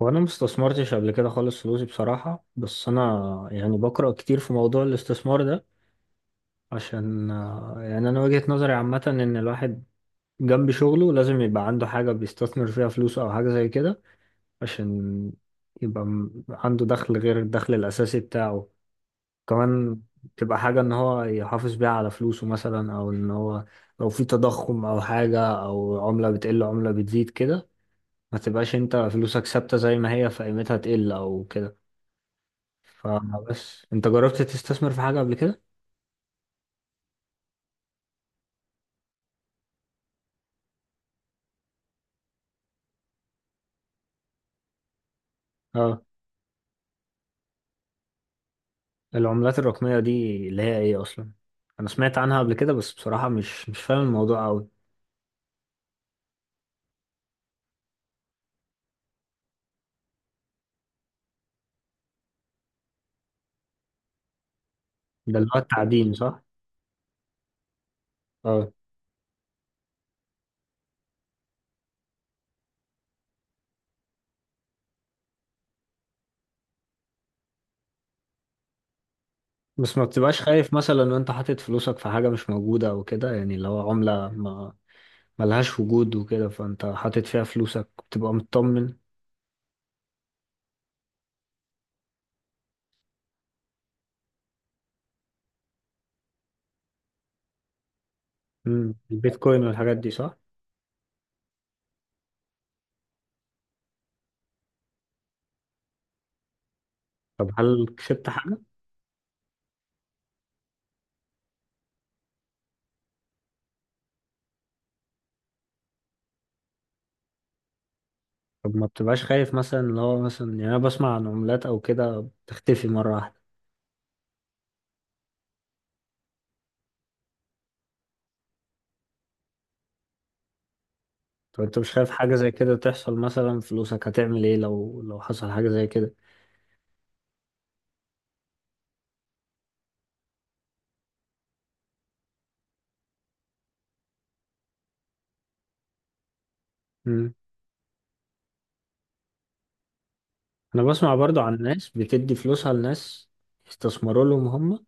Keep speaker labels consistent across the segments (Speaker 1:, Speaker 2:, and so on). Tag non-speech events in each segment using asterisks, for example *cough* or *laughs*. Speaker 1: وانا ما استثمرتش قبل كده خالص فلوسي بصراحة، بس انا يعني بقرأ كتير في موضوع الاستثمار ده. عشان يعني انا وجهة نظري عامة ان الواحد جنب شغله لازم يبقى عنده حاجة بيستثمر فيها فلوسه او حاجة زي كده، عشان يبقى عنده دخل غير الدخل الاساسي بتاعه كمان. تبقى حاجة ان هو يحافظ بيها على فلوسه مثلا، او ان هو لو في تضخم او حاجة، او عملة بتقل عملة بتزيد كده، ما تبقاش انت فلوسك ثابتة زي ما هي فقيمتها تقل او كده. فبس انت جربت تستثمر في حاجة قبل كده؟ اه، العملات الرقمية دي اللي هي ايه اصلا؟ انا سمعت عنها قبل كده، بس بصراحة مش فاهم الموضوع قوي. ده اللي هو التعدين صح؟ اه. بس ما بتبقاش خايف مثلا ان انت حاطط فلوسك في حاجة مش موجودة او كده، يعني اللي هو عملة ما ملهاش وجود وكده فانت حاطط فيها فلوسك بتبقى مطمن؟ البيتكوين والحاجات دي صح؟ طب هل كسبت حاجة؟ طب ما بتبقاش خايف مثلا، اللي هو مثلا يعني انا بسمع عن عملات او كده بتختفي مرة واحدة؟ طب انت مش خايف حاجة زي كده تحصل مثلا؟ فلوسك هتعمل ايه لو حصل حاجة زي كده؟ مم. انا بسمع برضو عن ناس بتدي فلوسها لناس يستثمروا لهم هم،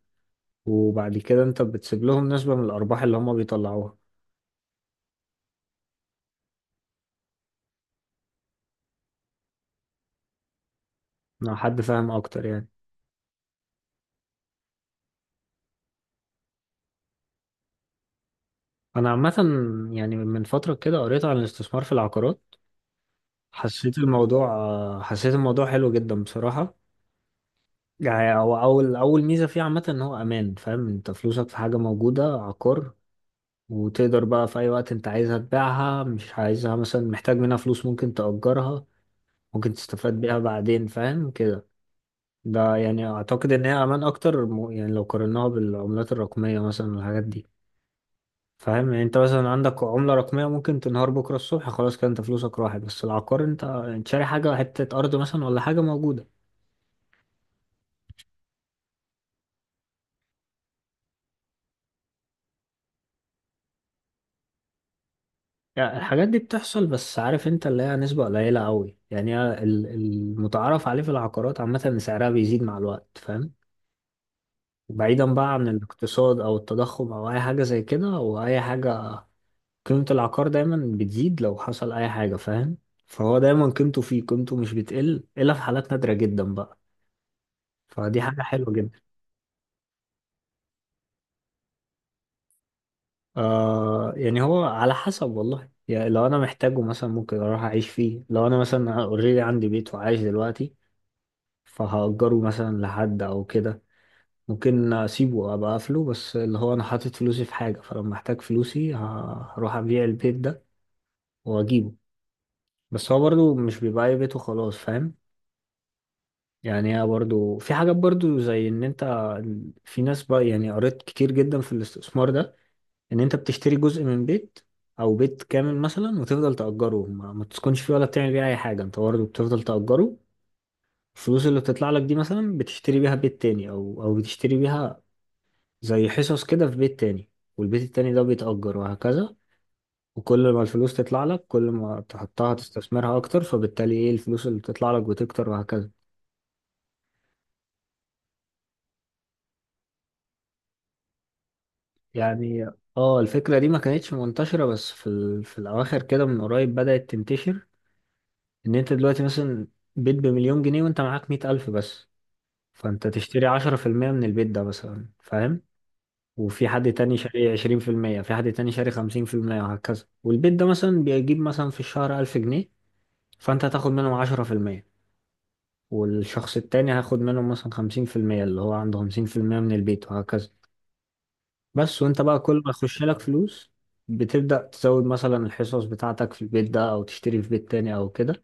Speaker 1: وبعد كده انت بتسيب لهم نسبة من الارباح اللي هم بيطلعوها. انا حد فاهم اكتر يعني. انا عامة يعني من فترة كده قريت عن الاستثمار في العقارات. حسيت الموضوع حلو جدا بصراحة. يعني هو اول ميزة فيه عامة ان هو امان، فاهم انت فلوسك في حاجة موجودة، عقار. وتقدر بقى في أي وقت أنت عايزها تبيعها، مش عايزها مثلا محتاج منها فلوس ممكن تأجرها، ممكن تستفاد بيها بعدين فاهم كده. ده يعني أعتقد إن هي أمان أكتر يعني لو قارناها بالعملات الرقمية مثلا والحاجات دي. فاهم، يعني أنت مثلا عندك عملة رقمية ممكن تنهار بكرة الصبح خلاص كده أنت فلوسك راحت. بس العقار أنت شاري حاجة، حتة أرض مثلا ولا حاجة موجودة. يعني الحاجات دي بتحصل، بس عارف أنت اللي هي نسبة قليلة أوي. يعني هي المتعارف عليه في العقارات عامة إن سعرها بيزيد مع الوقت فاهم. بعيدا بقى عن الاقتصاد او التضخم او اي حاجة زي كده، واي حاجة قيمة العقار دايما بتزيد لو حصل اي حاجة فاهم. فهو دايما قيمته فيه، قيمته مش بتقل الا في حالات نادرة جدا بقى. فدي حاجة حلوة جدا. يعني هو على حسب والله. يعني لو انا محتاجه مثلا ممكن اروح اعيش فيه، لو انا مثلا اوريدي عندي بيت وعايش دلوقتي فهأجره مثلا لحد او كده. ممكن اسيبه ابقى اقفله، بس اللي هو انا حاطط فلوسي في حاجة، فلما احتاج فلوسي هروح ابيع البيت ده واجيبه. بس هو برضو مش بيبقى أي بيت وخلاص فاهم. يعني هي برضو في حاجات برضو زي ان انت، في ناس بقى يعني قريت كتير جدا في الاستثمار ده، ان انت بتشتري جزء من بيت او بيت كامل مثلا وتفضل تأجره، ما تسكنش فيه ولا بتعمل بيه اي حاجة، انت برضو بتفضل تأجره. الفلوس اللي بتطلع لك دي مثلا بتشتري بيها بيت تاني، او بتشتري بيها زي حصص كده في بيت تاني. والبيت التاني ده بيتأجر وهكذا، وكل ما الفلوس تطلع لك كل ما تحطها تستثمرها اكتر، فبالتالي ايه الفلوس اللي بتطلع لك بتكتر وهكذا. يعني اه الفكرة دي ما كانتش منتشرة، بس في الأواخر كده من قريب بدأت تنتشر. إن أنت دلوقتي مثلا بيت بمليون جنيه وأنت معاك 100,000 بس. فأنت تشتري 10% من البيت ده مثلا فاهم. وفي حد تاني شاري 20%، في حد تاني شاري 50% وهكذا. والبيت ده مثلا بيجيب مثلا في الشهر 1,000 جنيه. فأنت هتاخد منهم 10%، والشخص التاني هياخد منهم مثلا 50% اللي هو عنده 50% من البيت وهكذا. بس وانت بقى كل ما يخش لك فلوس بتبدأ تزود مثلا الحصص بتاعتك في البيت ده، او تشتري في بيت تاني او كده.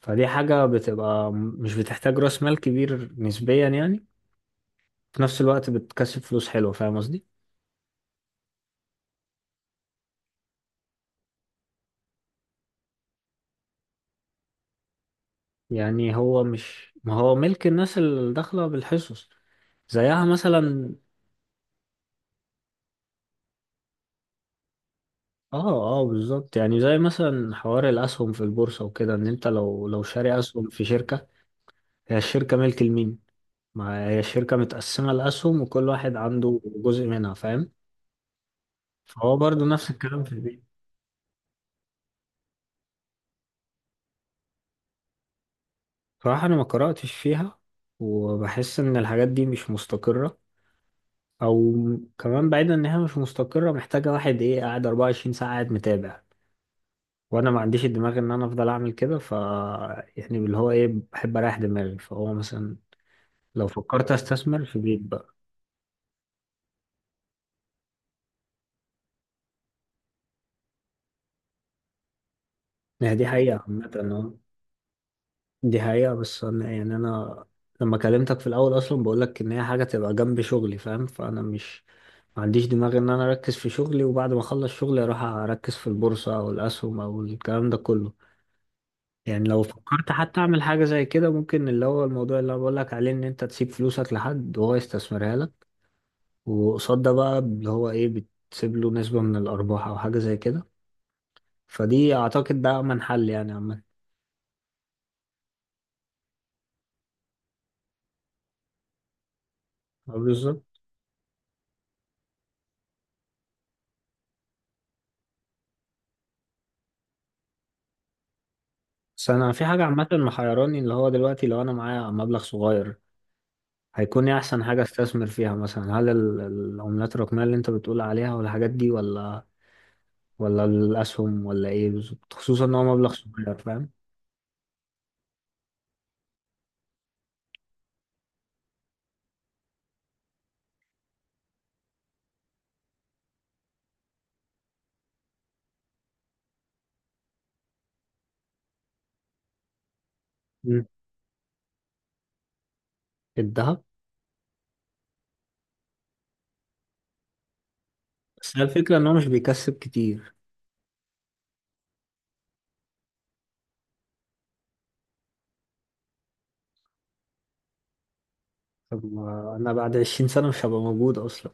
Speaker 1: فدي حاجة بتبقى مش بتحتاج راس مال كبير نسبيا يعني، في نفس الوقت بتكسب فلوس حلوة فاهم قصدي. يعني هو مش، ما هو ملك الناس اللي داخلة بالحصص زيها مثلا. اه اه بالظبط، يعني زي مثلا حوار الاسهم في البورصة وكده، ان انت لو شاري اسهم في شركة، هي الشركة ملك لمين؟ ما هي الشركة متقسمة لأسهم وكل واحد عنده جزء منها فاهم. فهو برضو نفس الكلام في البيت. صراحة أنا ما قرأتش فيها، وبحس إن الحاجات دي مش مستقرة. أو كمان بعيدا إن هي مش مستقرة، محتاجة واحد إيه قاعد 24 ساعة قاعد متابع، وأنا ما عنديش الدماغ إن أنا أفضل أعمل كده. يعني اللي هو إيه، بحب أريح دماغي، فهو مثلا لو فكرت أستثمر في بيت بقى. يعني دي حقيقة عامة، دي حقيقة، بس أنا لما كلمتك في الأول أصلا بقولك إن هي حاجة تبقى جنب شغلي فاهم. فأنا مش، ما عنديش دماغ إن أنا أركز في شغلي وبعد ما أخلص شغلي أروح أركز في البورصة أو الأسهم أو الكلام ده كله. يعني لو فكرت حتى أعمل حاجة زي كده، ممكن اللي هو الموضوع اللي أنا بقولك عليه، إن أنت تسيب فلوسك لحد وهو يستثمرها لك، وقصاد ده بقى اللي هو إيه بتسيب له نسبة من الأرباح أو حاجة زي كده. فدي أعتقد ده أمن حل يعني عامة. بالظبط. بس انا في حاجه عامه محيراني، اللي هو دلوقتي لو انا معايا مبلغ صغير هيكون ايه احسن حاجه استثمر فيها مثلا؟ هل العملات الرقميه اللي انت بتقول عليها والحاجات دي، ولا الاسهم ولا ايه بالظبط؟ خصوصا ان هو مبلغ صغير فاهم. مم. الذهب. بس هي الفكره ان هو مش بيكسب كتير. طب ما انا بعد 20 سنه مش هبقى موجود اصلا.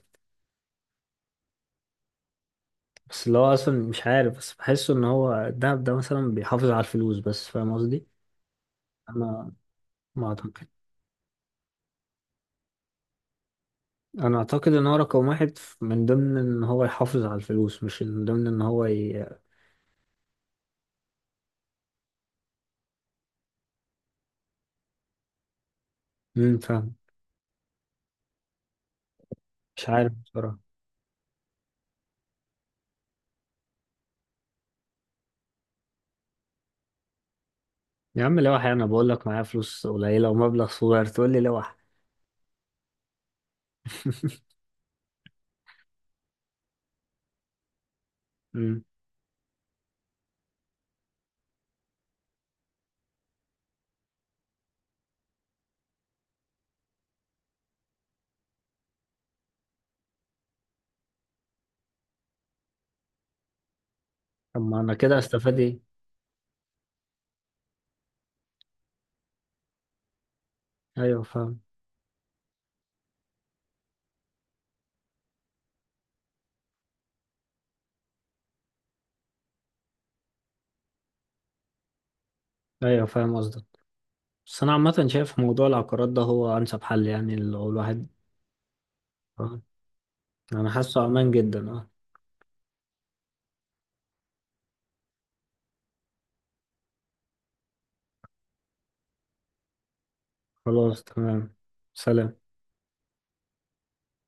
Speaker 1: بس اللي هو اصلا مش عارف، بس بحس ان هو الذهب ده مثلا بيحافظ على الفلوس بس فاهم قصدي. انا ما اعتقد، انا اعتقد ان هو رقم واحد من ضمن ان هو يحافظ على الفلوس، مش من ضمن ان هو مم، فاهم. مش عارف بصراحة. يا عم لوح، انا بقول لك معايا فلوس قليلة ومبلغ صغير تقول لي لوح؟ *laughs* مم. طب ما انا كده استفاد ايه؟ ايوه فاهم. ايوه فاهم قصدك. بس انا عامة شايف موضوع العقارات ده هو انسب حل يعني لو الواحد. آه. انا حاسه امان جدا اه. خلاص تمام. سلام.